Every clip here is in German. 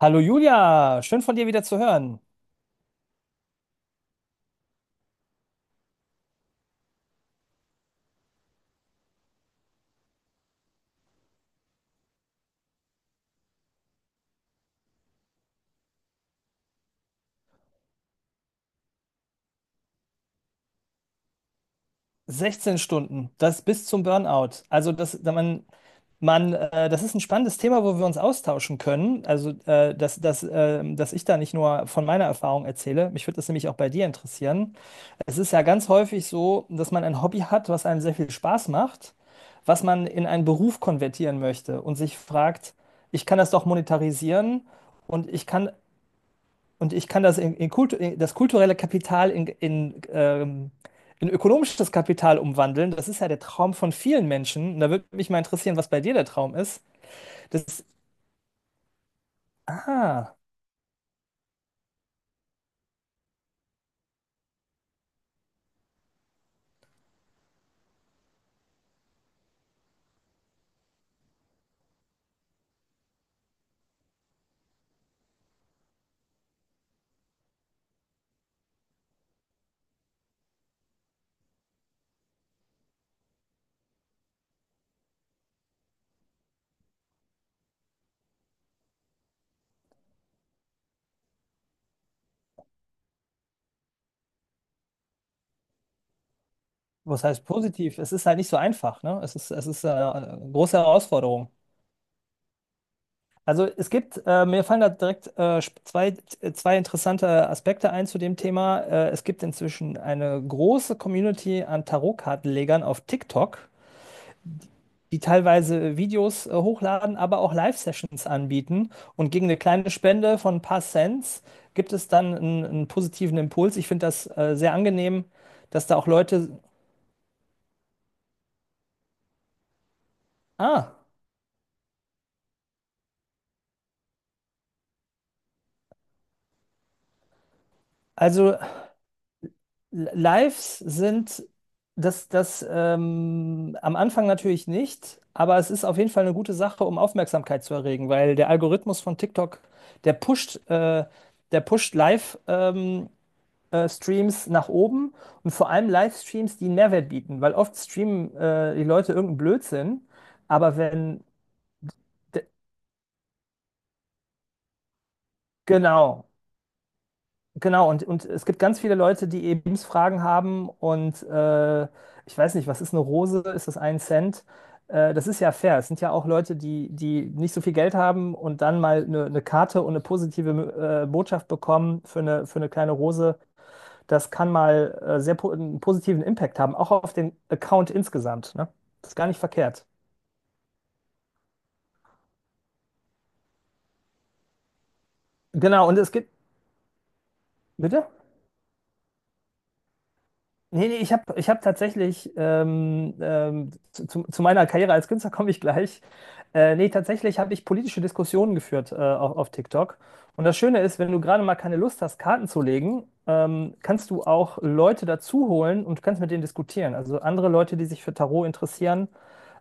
Hallo Julia, schön von dir wieder zu hören. 16 Stunden, das bis zum Burnout. Also das, da man das ist ein spannendes Thema, wo wir uns austauschen können. Also dass ich da nicht nur von meiner Erfahrung erzähle. Mich würde das nämlich auch bei dir interessieren. Es ist ja ganz häufig so, dass man ein Hobby hat, was einem sehr viel Spaß macht, was man in einen Beruf konvertieren möchte und sich fragt, ich kann das doch monetarisieren und ich kann Und ich kann das in das kulturelle Kapital in ökonomisches Kapital umwandeln. Das ist ja der Traum von vielen Menschen. Und da würde mich mal interessieren, was bei dir der Traum ist. Das ist, ah, Was heißt positiv? Es ist halt nicht so einfach, ne? Es ist eine große Herausforderung. Also es gibt, mir fallen da direkt zwei, zwei interessante Aspekte ein zu dem Thema. Es gibt inzwischen eine große Community an Tarotkartenlegern auf TikTok, die teilweise Videos hochladen, aber auch Live-Sessions anbieten. Und gegen eine kleine Spende von ein paar Cents gibt es dann einen positiven Impuls. Ich finde das sehr angenehm, dass da auch Leute. Ah, also Lives sind das am Anfang natürlich nicht, aber es ist auf jeden Fall eine gute Sache, um Aufmerksamkeit zu erregen, weil der Algorithmus von TikTok, der pusht, äh, der pusht Live-Videos Streams nach oben und vor allem Livestreams, die einen Mehrwert bieten, weil oft streamen die Leute irgendeinen Blödsinn, aber wenn, d- genau, genau, und es gibt ganz viele Leute, die eben Lebensfragen haben und ich weiß nicht, was ist eine Rose, ist das ein Cent? Das ist ja fair. Es sind ja auch Leute, die, die nicht so viel Geld haben und dann mal eine Karte und eine positive Botschaft bekommen für eine kleine Rose. Das kann mal sehr po einen positiven Impact haben, auch auf den Account insgesamt. Ne? Das ist gar nicht verkehrt. Genau, und es gibt, Bitte? Nee, ich hab tatsächlich, zu meiner Karriere als Künstler komme ich gleich. Tatsächlich habe ich politische Diskussionen geführt auf TikTok. Und das Schöne ist, wenn du gerade mal keine Lust hast, Karten zu legen, kannst du auch Leute dazu holen und kannst mit denen diskutieren. Also andere Leute, die sich für Tarot interessieren,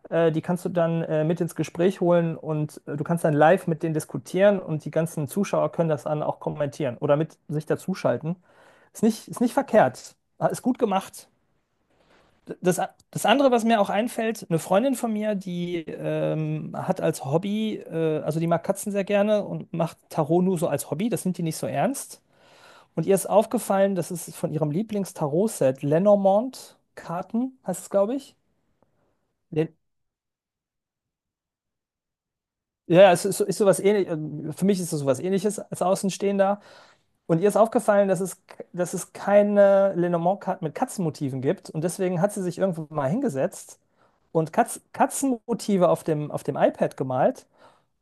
die kannst du dann mit ins Gespräch holen und du kannst dann live mit denen diskutieren und die ganzen Zuschauer können das dann auch kommentieren oder mit sich dazuschalten. Ist nicht verkehrt. Ah, ist gut gemacht. Das, das andere, was mir auch einfällt, eine Freundin von mir, die hat als Hobby, also die mag Katzen sehr gerne und macht Tarot nur so als Hobby, das nimmt die nicht so ernst. Und ihr ist aufgefallen, das ist von ihrem Lieblings-Tarot-Set, Lenormand-Karten heißt es, glaube ich. Le ja, Es ist, so, ist sowas ähnlich, für mich ist es sowas ähnliches als Außenstehender. Und ihr ist aufgefallen, dass es keine lenormand mit Katzenmotiven gibt. Und deswegen hat sie sich irgendwann mal hingesetzt und Katzenmotive auf dem iPad gemalt.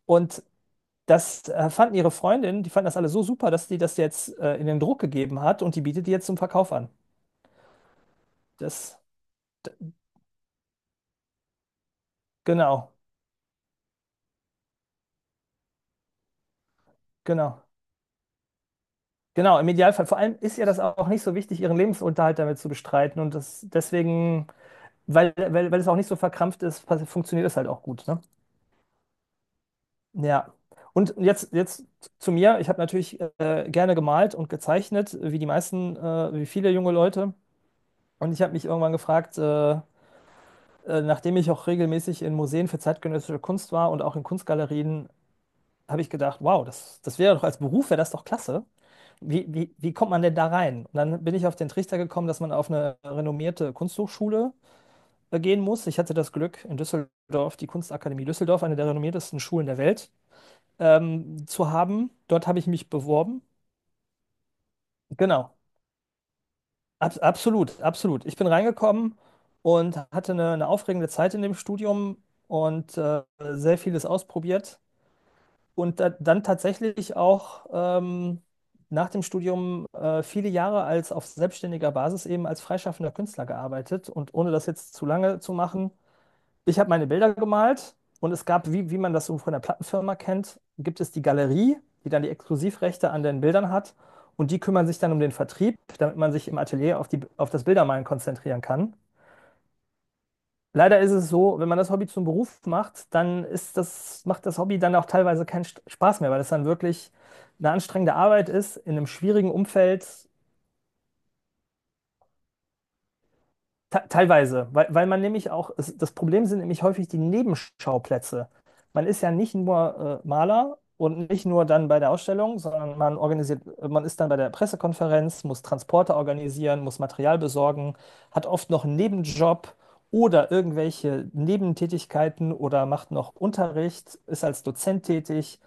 Und das fanden ihre Freundinnen, die fanden das alle so super, dass die das jetzt in den Druck gegeben hat und die bietet die jetzt zum Verkauf an. Das, d- genau, genau. Genau, im Idealfall. Vor allem ist ihr das auch nicht so wichtig, ihren Lebensunterhalt damit zu bestreiten. Und das, deswegen. Weil es auch nicht so verkrampft ist, funktioniert es halt auch gut, ne? Ja. Und jetzt zu mir. Ich habe natürlich gerne gemalt und gezeichnet, wie die meisten, wie viele junge Leute. Und ich habe mich irgendwann gefragt, nachdem ich auch regelmäßig in Museen für zeitgenössische Kunst war und auch in Kunstgalerien, habe ich gedacht, wow, das wäre doch als Beruf, wäre das doch klasse. Wie kommt man denn da rein? Und dann bin ich auf den Trichter gekommen, dass man auf eine renommierte Kunsthochschule gehen muss. Ich hatte das Glück, in Düsseldorf, die Kunstakademie Düsseldorf, eine der renommiertesten Schulen der Welt, zu haben. Dort habe ich mich beworben. Genau, Absolut, absolut. Ich bin reingekommen und hatte eine aufregende Zeit in dem Studium und sehr vieles ausprobiert. Und dann tatsächlich auch nach dem Studium viele Jahre als auf selbstständiger Basis eben als freischaffender Künstler gearbeitet. Und ohne das jetzt zu lange zu machen, ich habe meine Bilder gemalt und es gab, wie man das so von der Plattenfirma kennt, gibt es die Galerie, die dann die Exklusivrechte an den Bildern hat und die kümmern sich dann um den Vertrieb, damit man sich im Atelier auf das Bildermalen konzentrieren kann. Leider ist es so, wenn man das Hobby zum Beruf macht, dann ist das, macht das Hobby dann auch teilweise keinen Spaß mehr, weil es dann wirklich eine anstrengende Arbeit ist, in einem schwierigen Umfeld teilweise, weil man nämlich auch, es, das Problem sind nämlich häufig die Nebenschauplätze. Man ist ja nicht nur Maler und nicht nur dann bei der Ausstellung, sondern man organisiert, man ist dann bei der Pressekonferenz, muss Transporte organisieren, muss Material besorgen, hat oft noch einen Nebenjob oder irgendwelche Nebentätigkeiten oder macht noch Unterricht, ist als Dozent tätig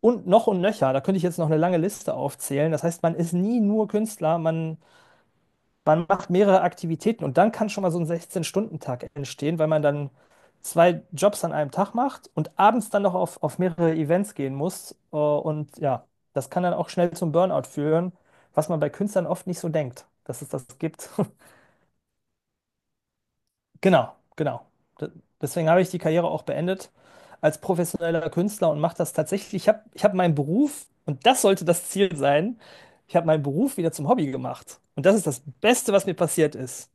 und noch und nöcher. Da könnte ich jetzt noch eine lange Liste aufzählen. Das heißt, man ist nie nur Künstler, man macht mehrere Aktivitäten und dann kann schon mal so ein 16-Stunden-Tag entstehen, weil man dann 2 Jobs an einem Tag macht und abends dann noch auf mehrere Events gehen muss. Und ja, das kann dann auch schnell zum Burnout führen, was man bei Künstlern oft nicht so denkt, dass es das gibt. Genau, genau. D- Deswegen habe ich die Karriere auch beendet als professioneller Künstler und mache das tatsächlich. Ich hab meinen Beruf, und das sollte das Ziel sein, ich habe meinen Beruf wieder zum Hobby gemacht. Und das ist das Beste, was mir passiert ist.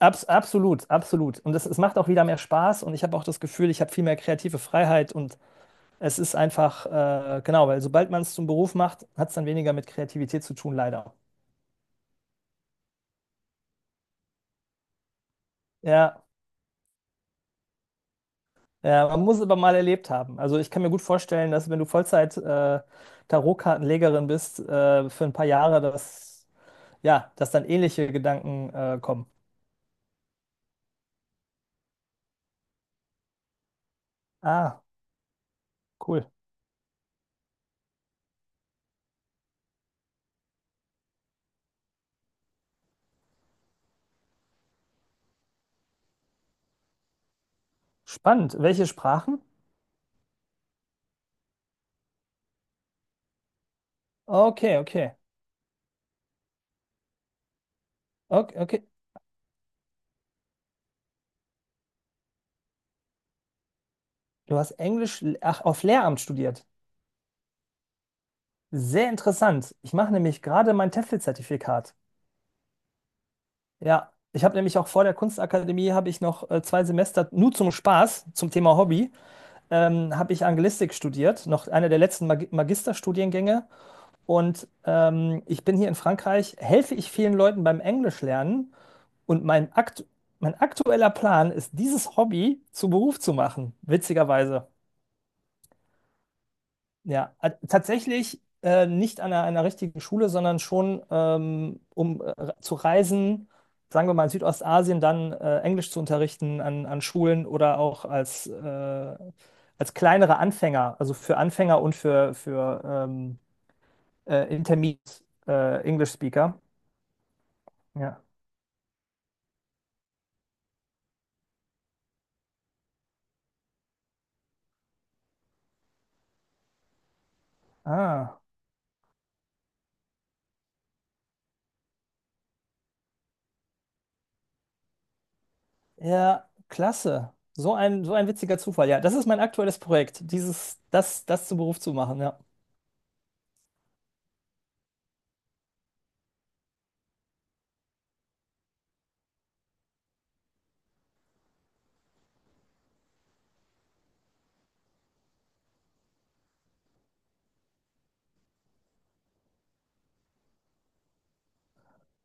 Absolut, absolut. Und es macht auch wieder mehr Spaß und ich habe auch das Gefühl, ich habe viel mehr kreative Freiheit und es ist einfach, genau, weil sobald man es zum Beruf macht, hat es dann weniger mit Kreativität zu tun, leider. Ja, ja, man muss es aber mal erlebt haben. Also ich kann mir gut vorstellen, dass wenn du Vollzeit Tarotkartenlegerin bist, für ein paar Jahre, dass, ja, dass dann ähnliche Gedanken kommen. Ah, cool. Spannend. Welche Sprachen? Okay, okay. Okay, okay. Du hast Englisch, ach, auf Lehramt studiert. Sehr interessant. Ich mache nämlich gerade mein TEFL-Zertifikat. Ja, ich habe nämlich auch vor der Kunstakademie habe ich noch 2 Semester nur zum Spaß, zum Thema Hobby, habe ich Anglistik studiert, noch einer der letzten Magisterstudiengänge. Und ich bin hier in Frankreich, helfe ich vielen Leuten beim Englisch lernen. Und mein aktueller Plan ist, dieses Hobby zu Beruf zu machen, witzigerweise. Ja, tatsächlich nicht an einer richtigen Schule, sondern schon, um zu reisen, sagen wir mal in Südostasien, dann Englisch zu unterrichten an, an Schulen oder auch als, als kleinere Anfänger, also für Anfänger und für Intermediate English Speaker. Ja. Ah, ja, klasse. So ein witziger Zufall. Ja, das ist mein aktuelles Projekt, das zum Beruf zu machen. Ja,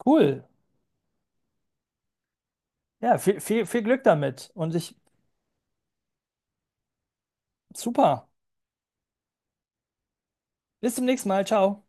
cool. Ja, viel, viel, viel Glück damit. Und ich Super. Bis zum nächsten Mal. Ciao.